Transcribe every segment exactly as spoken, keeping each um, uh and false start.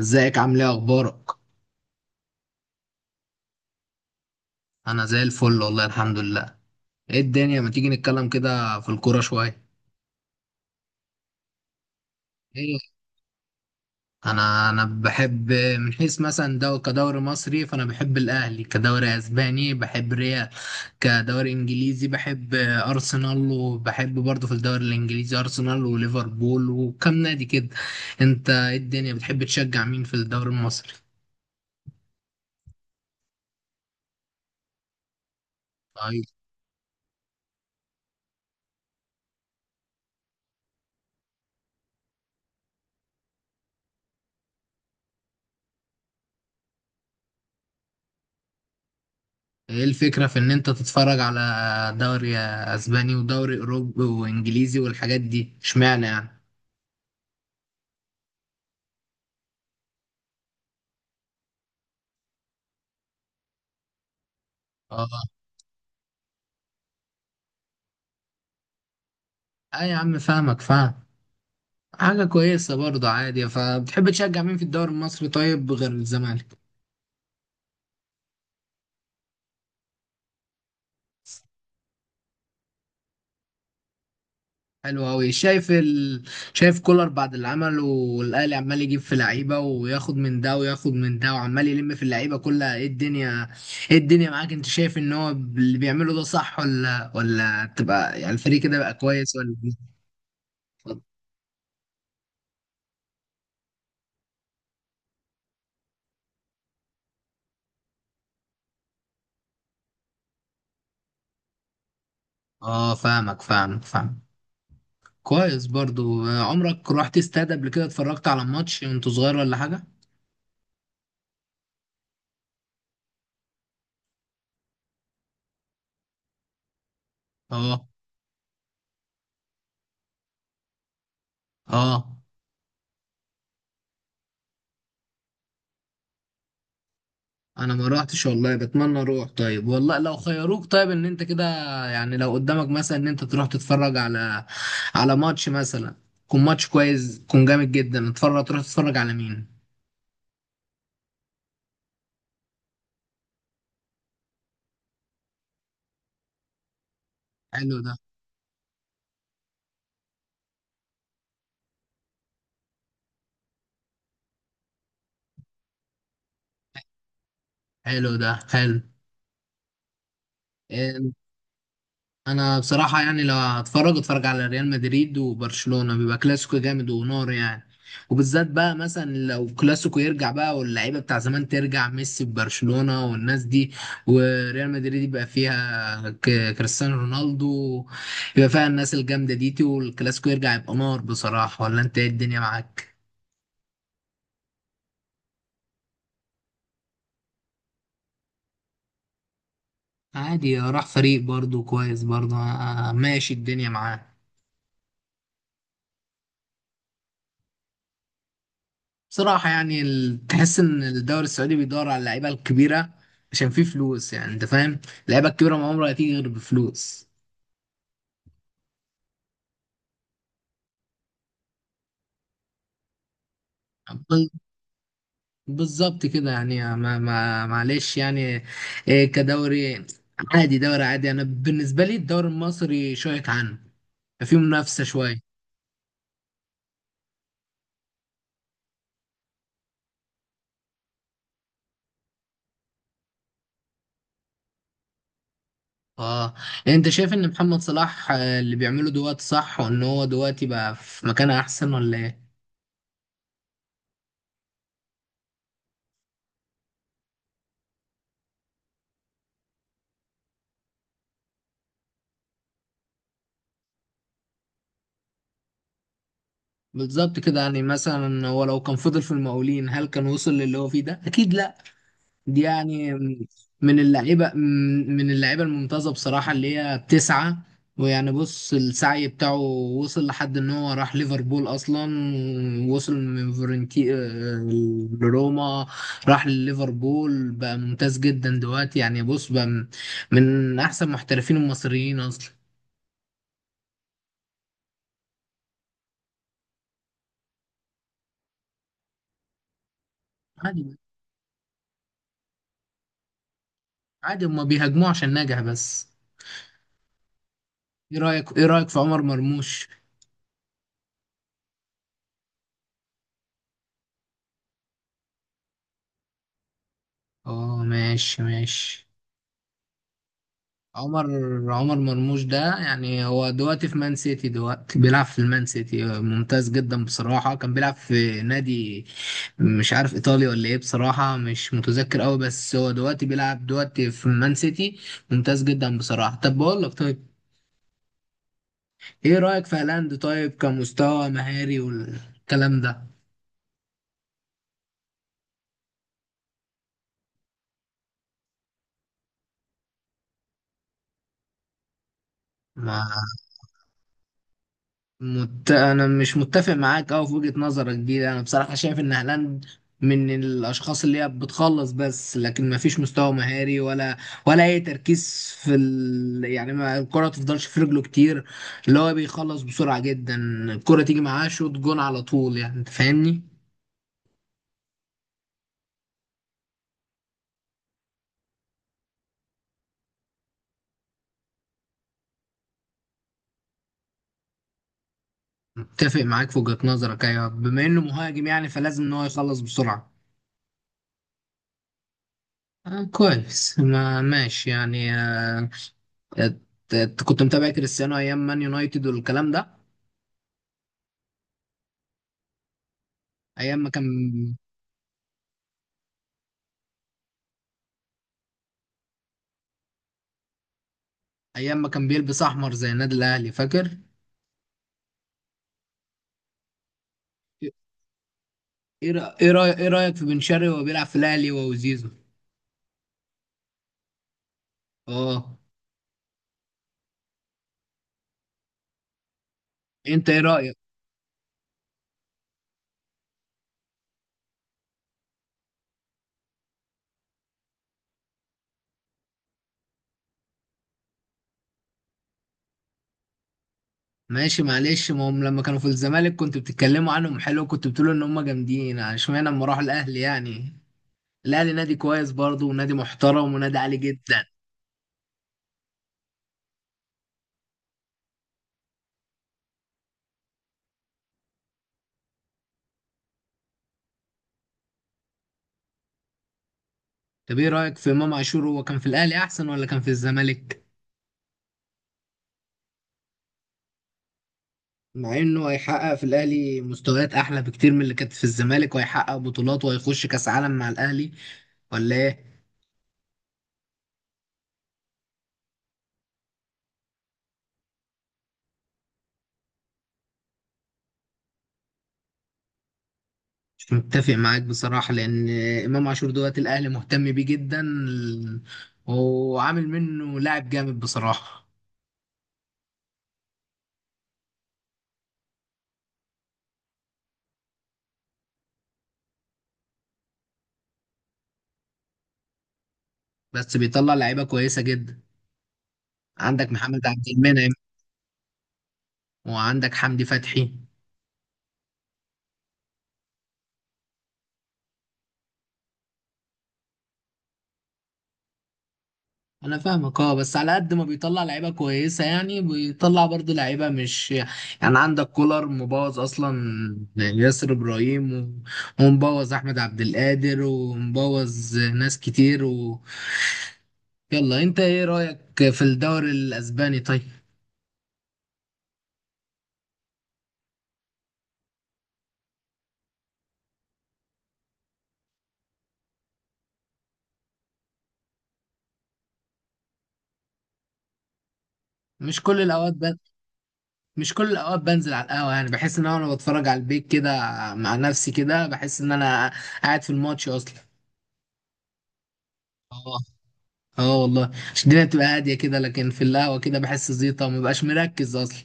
ازيك، عامل ايه، اخبارك؟ انا زي الفل والله، الحمد لله. ايه الدنيا، ما تيجي نتكلم كده في الكوره شويه؟ ايه؟ انا انا بحب من حيث مثلا، دو كدوري مصري فانا بحب الاهلي، كدوري اسباني بحب ريال، كدوري انجليزي بحب ارسنال، وبحب برضه في الدوري الانجليزي ارسنال وليفربول وكم نادي كده. انت ايه الدنيا، بتحب تشجع مين في الدوري المصري؟ طيب. ايه الفكرة في ان انت تتفرج على دوري اسباني ودوري اوروبي وانجليزي والحاجات دي، اشمعنى يعني؟ اه. اه يا عم، فاهمك فاهم. حاجة كويسة برضه، عادي. فبتحب تشجع مين في الدوري المصري طيب غير الزمالك؟ حلو أوي. شايف ال... شايف كولر بعد اللي عمله، والأهلي عمال يجيب في لعيبة، وياخد من ده وياخد من ده، وعمال يلم في اللعيبة كلها. ايه الدنيا ايه الدنيا معاك، انت شايف ان هو اللي بيعمله ده صح، ولا ولا تبقى يعني الفريق كده بقى كويس، ولا إيه؟ اه، فاهمك فاهمك فاهم. كويس برضو. آه، عمرك رحت استاد قبل كده، اتفرجت على ماتش وانت صغير ولا حاجة؟ اه. اه. انا ما رحتش والله، بتمنى اروح. طيب والله، لو خيروك، طيب ان انت كده يعني، لو قدامك مثلا ان انت تروح تتفرج على على ماتش مثلا، يكون ماتش كويس، يكون جامد جدا، اتفرج تروح تتفرج على مين؟ حلو ده. حلو ده حلو. آه، انا بصراحه يعني لو هتفرج، اتفرج على ريال مدريد وبرشلونه، بيبقى كلاسيكو جامد ونار يعني. وبالذات بقى مثلا لو كلاسيكو يرجع بقى، واللعيبه بتاع زمان ترجع، ميسي ببرشلونه والناس دي، وريال مدريد يبقى فيها ك- كريستيانو رونالدو، يبقى فيها الناس الجامده دي، والكلاسيكو يرجع يبقى نار بصراحه. ولا انت ايه الدنيا معاك؟ عادي، راح فريق برضو، كويس برضو. آه، ماشي الدنيا معاه. بصراحة يعني ال- تحس إن الدوري السعودي بيدور على اللعيبة الكبيرة عشان فيه فلوس، يعني أنت فاهم؟ اللعيبة الكبيرة ما عمرها هتيجي غير بفلوس. ب- بالظبط كده يعني. آه، ما ما معلش يعني. إيه كدوري، عادي، دوري عادي. أنا بالنسبة لي الدوري المصري شوية عنه، فيه منافسة شوية. اه. يعني انت شايف ان محمد صلاح، آه، اللي بيعمله دلوقتي صح، وان هو دلوقتي بقى في مكان احسن، ولا ايه؟ بالظبط كده يعني، مثلا هو لو كان فضل في المقاولين، هل كان وصل للي هو فيه ده؟ اكيد لا. دي يعني من اللعيبه، من من اللعيبه الممتازه بصراحه، اللي هي بتسعى، ويعني بص السعي بتاعه وصل لحد ان هو راح ليفربول اصلا. ووصل من فورنتي، آه، لروما. راح لليفربول بقى، ممتاز جدا دلوقتي يعني. بص بقى، من من احسن محترفين المصريين اصلا. عادي، عادي، هما بيهاجموه عشان نجح بس. ايه رأيك ايه رأيك في عمر مرموش؟ اه، ماشي ماشي. عمر عمر مرموش ده يعني، هو دلوقتي في مان سيتي، دلوقتي بيلعب في المان سيتي، ممتاز جدا بصراحة. كان بيلعب في نادي، مش عارف ايطالي ولا ايه، بصراحة مش متذكر قوي. بس هو دلوقتي بيلعب دلوقتي في مان سيتي، ممتاز جدا بصراحة. طب بقول لك طيب، ايه رأيك في هالاند طيب، كمستوى مهاري والكلام ده؟ ما مت... انا مش متفق معاك أوي في وجهة نظرك دي. انا بصراحة شايف ان هالاند من الاشخاص اللي هي بتخلص بس، لكن ما فيش مستوى مهاري، ولا ولا اي تركيز في ال... يعني ما الكرة تفضلش في رجله كتير، اللي هو بيخلص بسرعة جدا. الكرة تيجي معاه شوط جون على طول يعني، انت فاهمني؟ متفق معاك في وجهة نظرك، ايوه، بما انه مهاجم يعني، فلازم ان هو يخلص بسرعة. آه كويس، ما ماشي يعني. آه... ات- ات- كنت متابع كريستيانو ايام مان يونايتد والكلام ده؟ ايام ما كان ايام ما كان بيلبس احمر زي النادي الاهلي، فاكر؟ ايه رأ- ايه رأي- ايه رايك في بن شرقي وهو بيلعب في الاهلي، هو وزيزو؟ اه. انت ايه رايك؟ ماشي، معلش. ما هم لما كانوا في الزمالك كنت بتتكلموا عنهم حلو، كنت بتقولوا ان هم جامدين، اشمعنى لما راحوا الاهلي يعني؟ الاهلي نادي كويس برضه، ونادي محترم، ونادي عالي جدا. طب ايه رايك في امام عاشور، هو كان في الاهلي احسن ولا كان في الزمالك؟ مع انه هيحقق في الاهلي مستويات احلى بكتير من اللي كانت في الزمالك، وهيحقق بطولات، وهيخش كاس عالم مع الاهلي، ولا ايه؟ مش متفق معاك بصراحة، لأن إمام عاشور دوت الأهلي مهتم بيه جدا، وعامل منه لاعب جامد بصراحة. بس بيطلع لعيبة كويسة جدا. عندك محمد عبد المنعم، وعندك حمدي فتحي. أنا فاهمك، أه، بس على قد ما بيطلع لعيبة كويسة يعني، بيطلع برضه لعيبة مش يعني. عندك كولر مبوظ أصلا ياسر إبراهيم، و- ومبوظ أحمد عبد القادر، ومبوظ ناس كتير. يلا، انت ايه رأيك في الدوري الاسباني طيب؟ مش كل الاوقات بن... مش كل الاوقات بنزل على القهوة يعني. بحس ان انا وانا بتفرج على البيت كده، مع نفسي كده، بحس ان انا قاعد في الماتش اصلا. اه. اه والله، عشان الدنيا بتبقى هادية كده، لكن في القهوة كده بحس زيطة، ومبقاش مركز اصلا.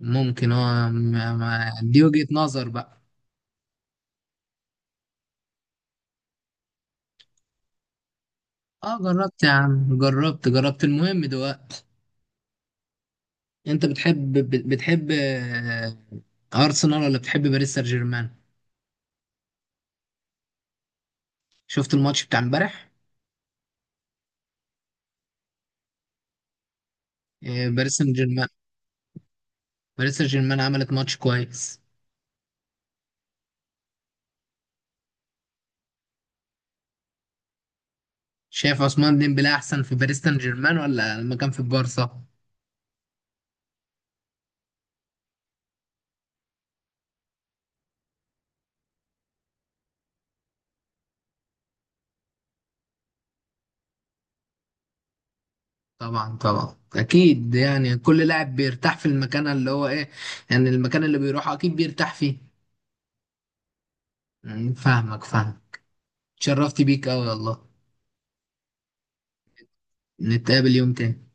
ممكن. اه، ما... ما... دي وجهة نظر بقى. اه، جربت يا عم، جربت جربت. المهم دلوقتي، انت بتحب، بت- بتحب، آه، ارسنال، ولا بتحب باريس سان جيرمان؟ شفت الماتش بتاع امبارح؟ آه، باريس سان جيرمان. باريس سان جيرمان عملت ماتش كويس. شايف عثمان ديمبلي احسن في باريس سان جيرمان، ولا لما كان في البارسا؟ طبعا طبعا اكيد يعني، كل لاعب بيرتاح في المكان اللي هو ايه، يعني المكان اللي بيروحه اكيد بيرتاح فيه. مم، فاهمك فاهم. اتشرفت بيك قوي والله. نتقابل يوم تاني.